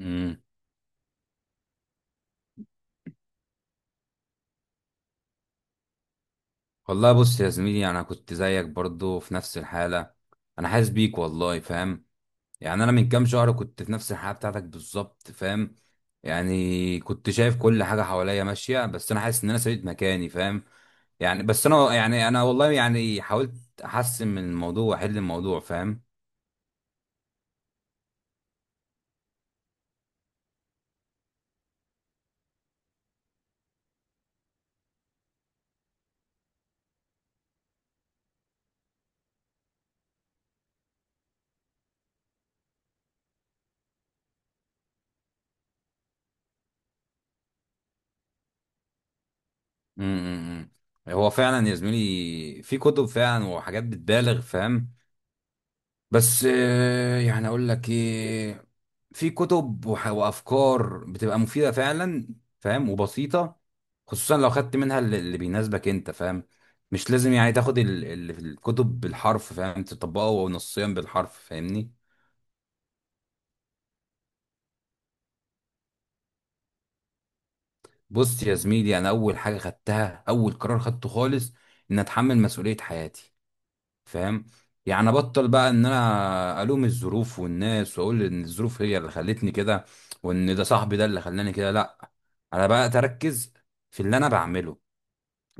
امم والله بص يا زميلي، يعني انا كنت زيك برضو في نفس الحاله. انا حاسس بيك والله فاهم. يعني انا من كام شهر كنت في نفس الحاله بتاعتك بالظبط فاهم. يعني كنت شايف كل حاجه حواليا ماشيه بس انا حاسس ان انا سبيت مكاني فاهم. يعني بس انا يعني انا والله يعني حاولت احسن من الموضوع واحل الموضوع فاهم. امم هو فعلا يا زميلي في كتب فعلا وحاجات بتبالغ فاهم. بس يعني اقول لك ايه، في كتب وافكار بتبقى مفيده فعلا فاهم، وبسيطه. خصوصا لو خدت منها اللي بيناسبك انت فاهم. مش لازم يعني تاخد اللي في الكتب بالحرف، فاهم، تطبقه نصيا بالحرف فاهمني. بص يا زميلي، انا اول حاجه خدتها اول قرار خدته خالص ان اتحمل مسؤوليه حياتي فاهم. يعني ابطل بقى ان انا الوم الظروف والناس واقول ان الظروف هي اللي خلتني كده، وان ده صاحبي ده اللي خلاني كده. لا، انا بقى اركز في اللي انا بعمله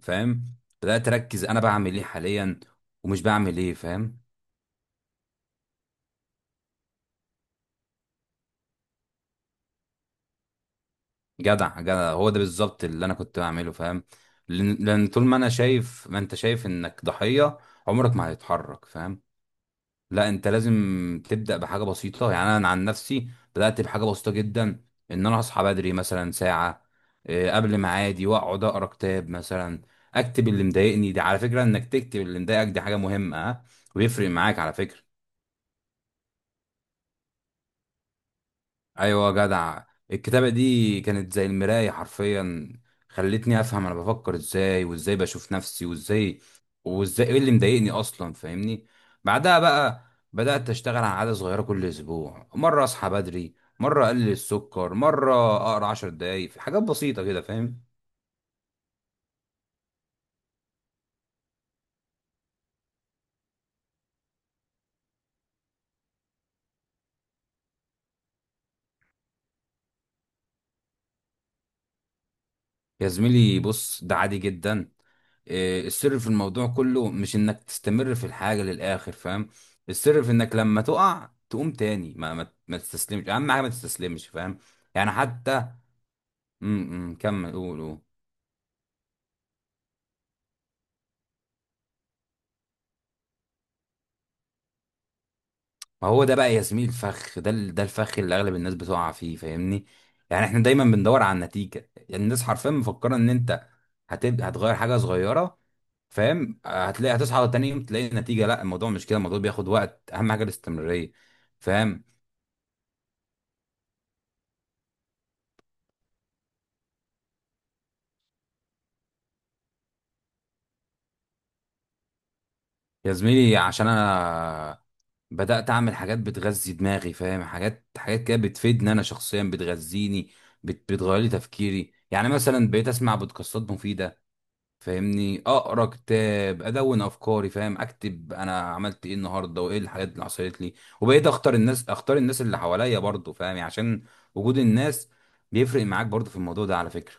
فاهم. بدات اركز انا بعمل ايه حاليا ومش بعمل ايه فاهم. جدع جدع، هو ده بالظبط اللي انا كنت بعمله فاهم. لأن طول ما انا شايف ما انت شايف انك ضحية عمرك ما هتتحرك فاهم. لا انت لازم تبدا بحاجه بسيطه. يعني انا عن نفسي بدات بحاجه بسيطه جدا، ان انا اصحى بدري مثلا ساعه قبل ميعادي، واقعد اقرا كتاب مثلا. اكتب اللي مضايقني، دي على فكره، انك تكتب اللي مضايقك دي حاجه مهمه ها. ويفرق معاك على فكره. ايوه يا جدع، الكتابه دي كانت زي المرايه حرفيا. خلتني افهم انا بفكر ازاي، وازاي بشوف نفسي، وازاي ايه اللي مضايقني اصلا فاهمني. بعدها بقى بدات اشتغل على عاده صغيره كل اسبوع، مره اصحى بدري، مره اقلل السكر، مره اقرا عشر دقايق، في حاجات بسيطه كده فاهم. يا زميلي بص، ده عادي جدا. السر في الموضوع كله مش انك تستمر في الحاجة للآخر فاهم. السر في انك لما تقع تقوم تاني، ما تستسلمش، اهم حاجة ما تستسلمش فاهم. يعني حتى. كمل، قول قول. ما هو ده بقى يا زميلي الفخ، ده ده الفخ اللي اغلب الناس بتقع فيه فاهمني. يعني احنا دايما بندور على النتيجة. يعني الناس حرفيا مفكرة ان انت هتبقى هتغير حاجة صغيرة فاهم، هتلاقي هتصحى تاني يوم تلاقي نتيجة. لا الموضوع مش كده، الموضوع بياخد وقت، اهم حاجة الاستمرارية فاهم. يا زميلي عشان انا بدأت اعمل حاجات بتغذي دماغي فاهم، حاجات حاجات كده بتفيدني انا شخصيا بتغذيني، بتغير لي تفكيري. يعني مثلا بقيت اسمع بودكاستات مفيدة فاهمني، اقرا كتاب، ادون افكاري فاهم، اكتب انا عملت ايه النهارده وايه الحاجات اللي حصلت لي. وبقيت اختار الناس اللي حواليا برضه فاهم. يعني عشان وجود الناس بيفرق معاك برضه في الموضوع ده على فكرة.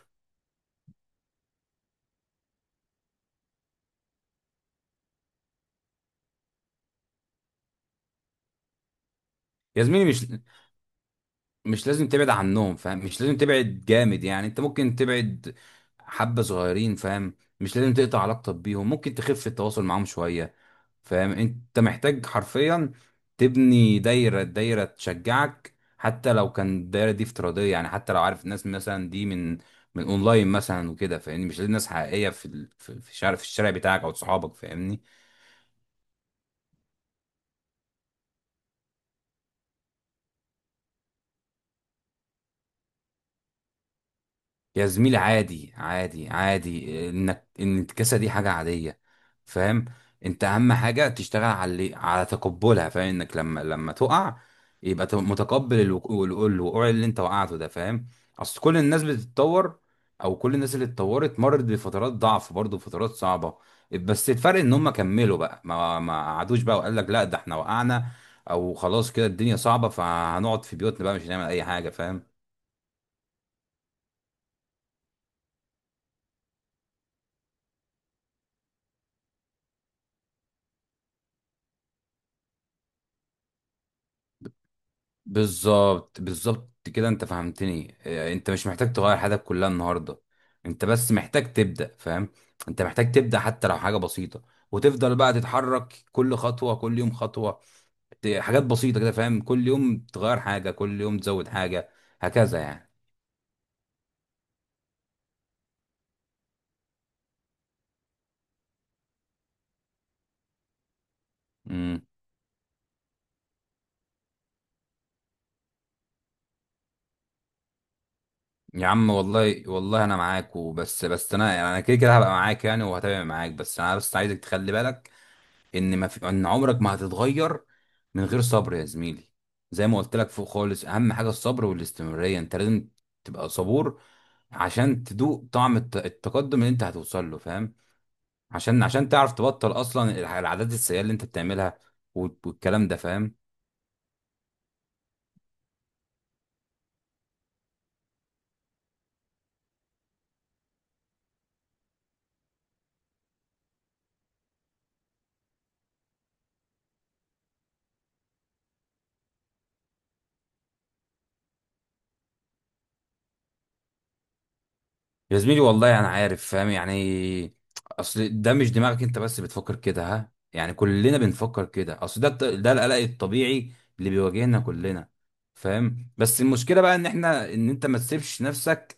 يا زميلي مش لازم تبعد عنهم فاهم، مش لازم تبعد جامد، يعني انت ممكن تبعد حبة صغيرين فاهم. مش لازم تقطع علاقتك بيهم، ممكن تخف التواصل معاهم شوية فاهم. انت محتاج حرفيا تبني دايرة تشجعك، حتى لو كان الدايرة دي افتراضية. يعني حتى لو عارف الناس مثلا دي من اونلاين مثلا وكده فاهمني. مش لازم ناس حقيقية في الشارع، بتاعك او صحابك فاهمني. يا زميلي عادي عادي عادي، انك، ان الكسة دي حاجة عادية فاهم. انت اهم حاجة تشتغل على على تقبلها فاهم. انك لما تقع يبقى تبقى متقبل الوقوع اللي انت وقعته ده فاهم. اصل كل الناس بتتطور، او كل الناس اللي اتطورت مرت بفترات ضعف برضه، فترات صعبة. بس الفرق ان هم كملوا بقى ما قعدوش بقى وقال لك لا ده احنا وقعنا، او خلاص كده الدنيا صعبة فهنقعد في بيوتنا بقى مش هنعمل اي حاجة فاهم. بالظبط بالظبط كده، انت فهمتني. اه، انت مش محتاج تغير حياتك كلها النهارده، انت بس محتاج تبدأ فاهم. انت محتاج تبدأ حتى لو حاجة بسيطة، وتفضل بقى تتحرك، كل خطوة، كل يوم خطوة. حاجات بسيطة كده فاهم. كل يوم تغير حاجة، كل يوم تزود حاجة، هكذا يعني. امم يا عم والله والله، انا معاك. وبس بس انا يعني انا كده كده هبقى معاك يعني، وهتابع معاك، بس انا بس عايزك تخلي بالك ان عمرك ما هتتغير من غير صبر يا زميلي. زي ما قلت لك فوق خالص، اهم حاجه الصبر والاستمراريه. انت لازم تبقى صبور عشان تدوق طعم التقدم اللي انت هتوصل له فاهم. عشان تعرف تبطل اصلا العادات السيئه اللي انت بتعملها والكلام ده فاهم. يا زميلي والله انا عارف فاهم يعني. اصل ده مش دماغك انت بس بتفكر كده ها، يعني كلنا بنفكر كده، اصل ده القلق الطبيعي اللي بيواجهنا كلنا فاهم. بس المشكله بقى ان انت ما تسيبش نفسك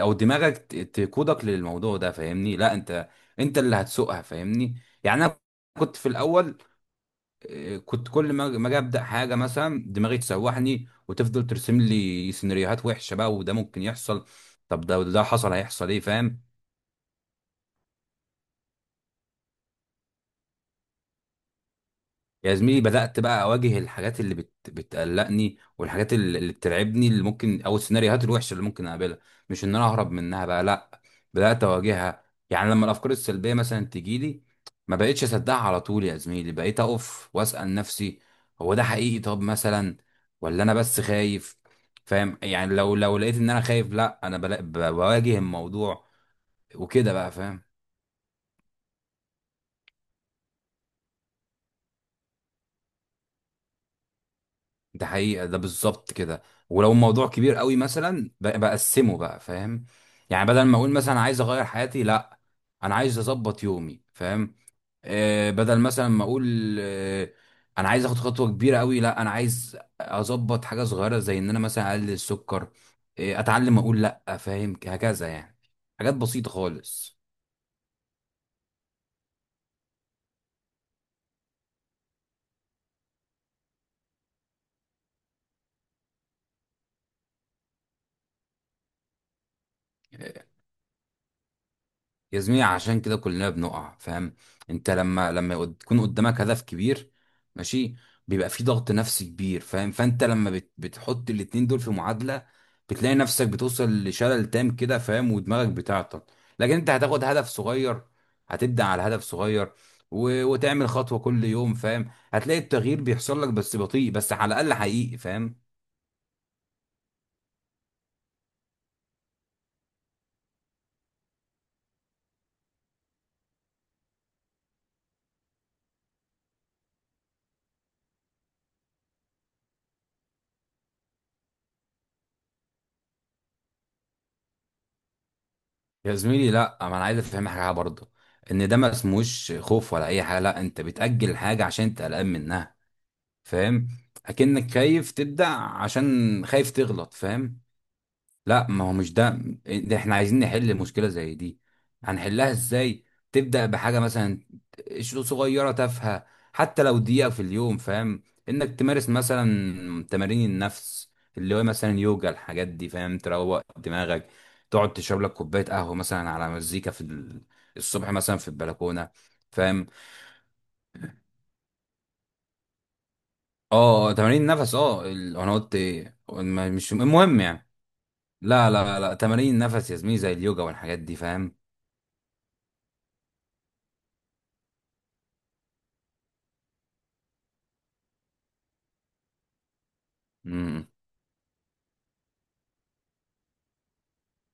او دماغك تقودك للموضوع ده فاهمني. لا انت اللي هتسوقها فاهمني. يعني انا كنت في الاول، كنت كل ما اجي ابدا حاجه مثلا دماغي تسوحني وتفضل ترسم لي سيناريوهات وحشه بقى وده ممكن يحصل. طب ده حصل هيحصل ايه فاهم. يا زميلي بدأت بقى أواجه الحاجات اللي بتقلقني، والحاجات اللي بترعبني اللي ممكن، أو السيناريوهات الوحشة اللي ممكن أقابلها، مش إن أنا أهرب منها بقى لأ. بدأت أواجهها، يعني لما الأفكار السلبية مثلا تجيلي ما بقتش أصدقها على طول يا زميلي. بقيت أقف وأسأل نفسي، هو ده حقيقي طب مثلا، ولا أنا بس خايف فاهم. يعني لو لقيت إن أنا خايف لأ، أنا بواجه الموضوع وكده بقى فاهم. ده حقيقة ده بالظبط كده. ولو الموضوع كبير قوي مثلا بقسمه بقى فاهم. يعني بدل ما اقول مثلا عايز اغير حياتي، لا انا عايز اظبط يومي فاهم. بدل مثلا ما اقول، انا عايز اخد خطوة كبيرة قوي، لا انا عايز اظبط حاجة صغيرة، زي ان انا مثلا اقلل السكر، اتعلم اقول لا فاهم، هكذا يعني. حاجات بسيطة خالص. يا زميلي عشان كده كلنا بنقع فاهم. انت لما يكون قدامك هدف كبير، ماشي، بيبقى في ضغط نفسي كبير فاهم. فانت لما بتحط الاتنين دول في معادلة بتلاقي نفسك بتوصل لشلل تام كده فاهم، ودماغك بتعطل. لكن انت هتاخد هدف صغير، هتبدأ على هدف صغير وتعمل خطوة كل يوم فاهم، هتلاقي التغيير بيحصل لك بس بطيء، بس على الأقل حقيقي فاهم. يا زميلي لا، ما انا عايز افهم حاجه برضه ان ده ما اسموش خوف ولا اي حاجه. لا، انت بتاجل حاجه عشان انت قلقان منها فاهم. اكنك خايف تبدع عشان خايف تغلط فاهم. لا ما هو مش ده. ده احنا عايزين نحل مشكلة زي دي، هنحلها ازاي؟ تبدأ بحاجة مثلا صغيرة تافهة، حتى لو دقيقة في اليوم فاهم، انك تمارس مثلا تمارين النفس اللي هو مثلا يوجا، الحاجات دي فاهم تروق دماغك، تقعد تشرب لك كوباية قهوة مثلا على مزيكا في الصبح مثلا في البلكونة فاهم. اه تمارين النفس، انا قلت ايه، مش المهم يعني. لا لا لا تمارين النفس يا زميلي زي اليوجا والحاجات دي فاهم. إمم.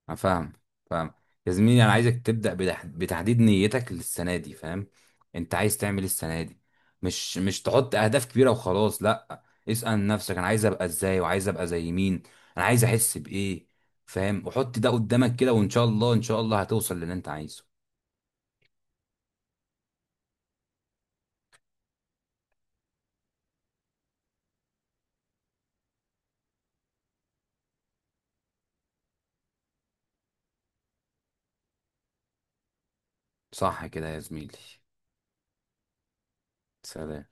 انا فاهم، فاهم. يا زميلي انا عايزك تبدا بتحديد نيتك للسنه دي فاهم. انت عايز تعمل إيه السنه دي؟ مش تحط اهداف كبيره وخلاص لا. اسال نفسك انا عايز ابقى ازاي، وعايز ابقى زي مين، انا عايز احس بايه فاهم، وحط ده قدامك كده، وان شاء الله ان شاء الله هتوصل للي انت عايزه. صح كده يا زميلي، سلام.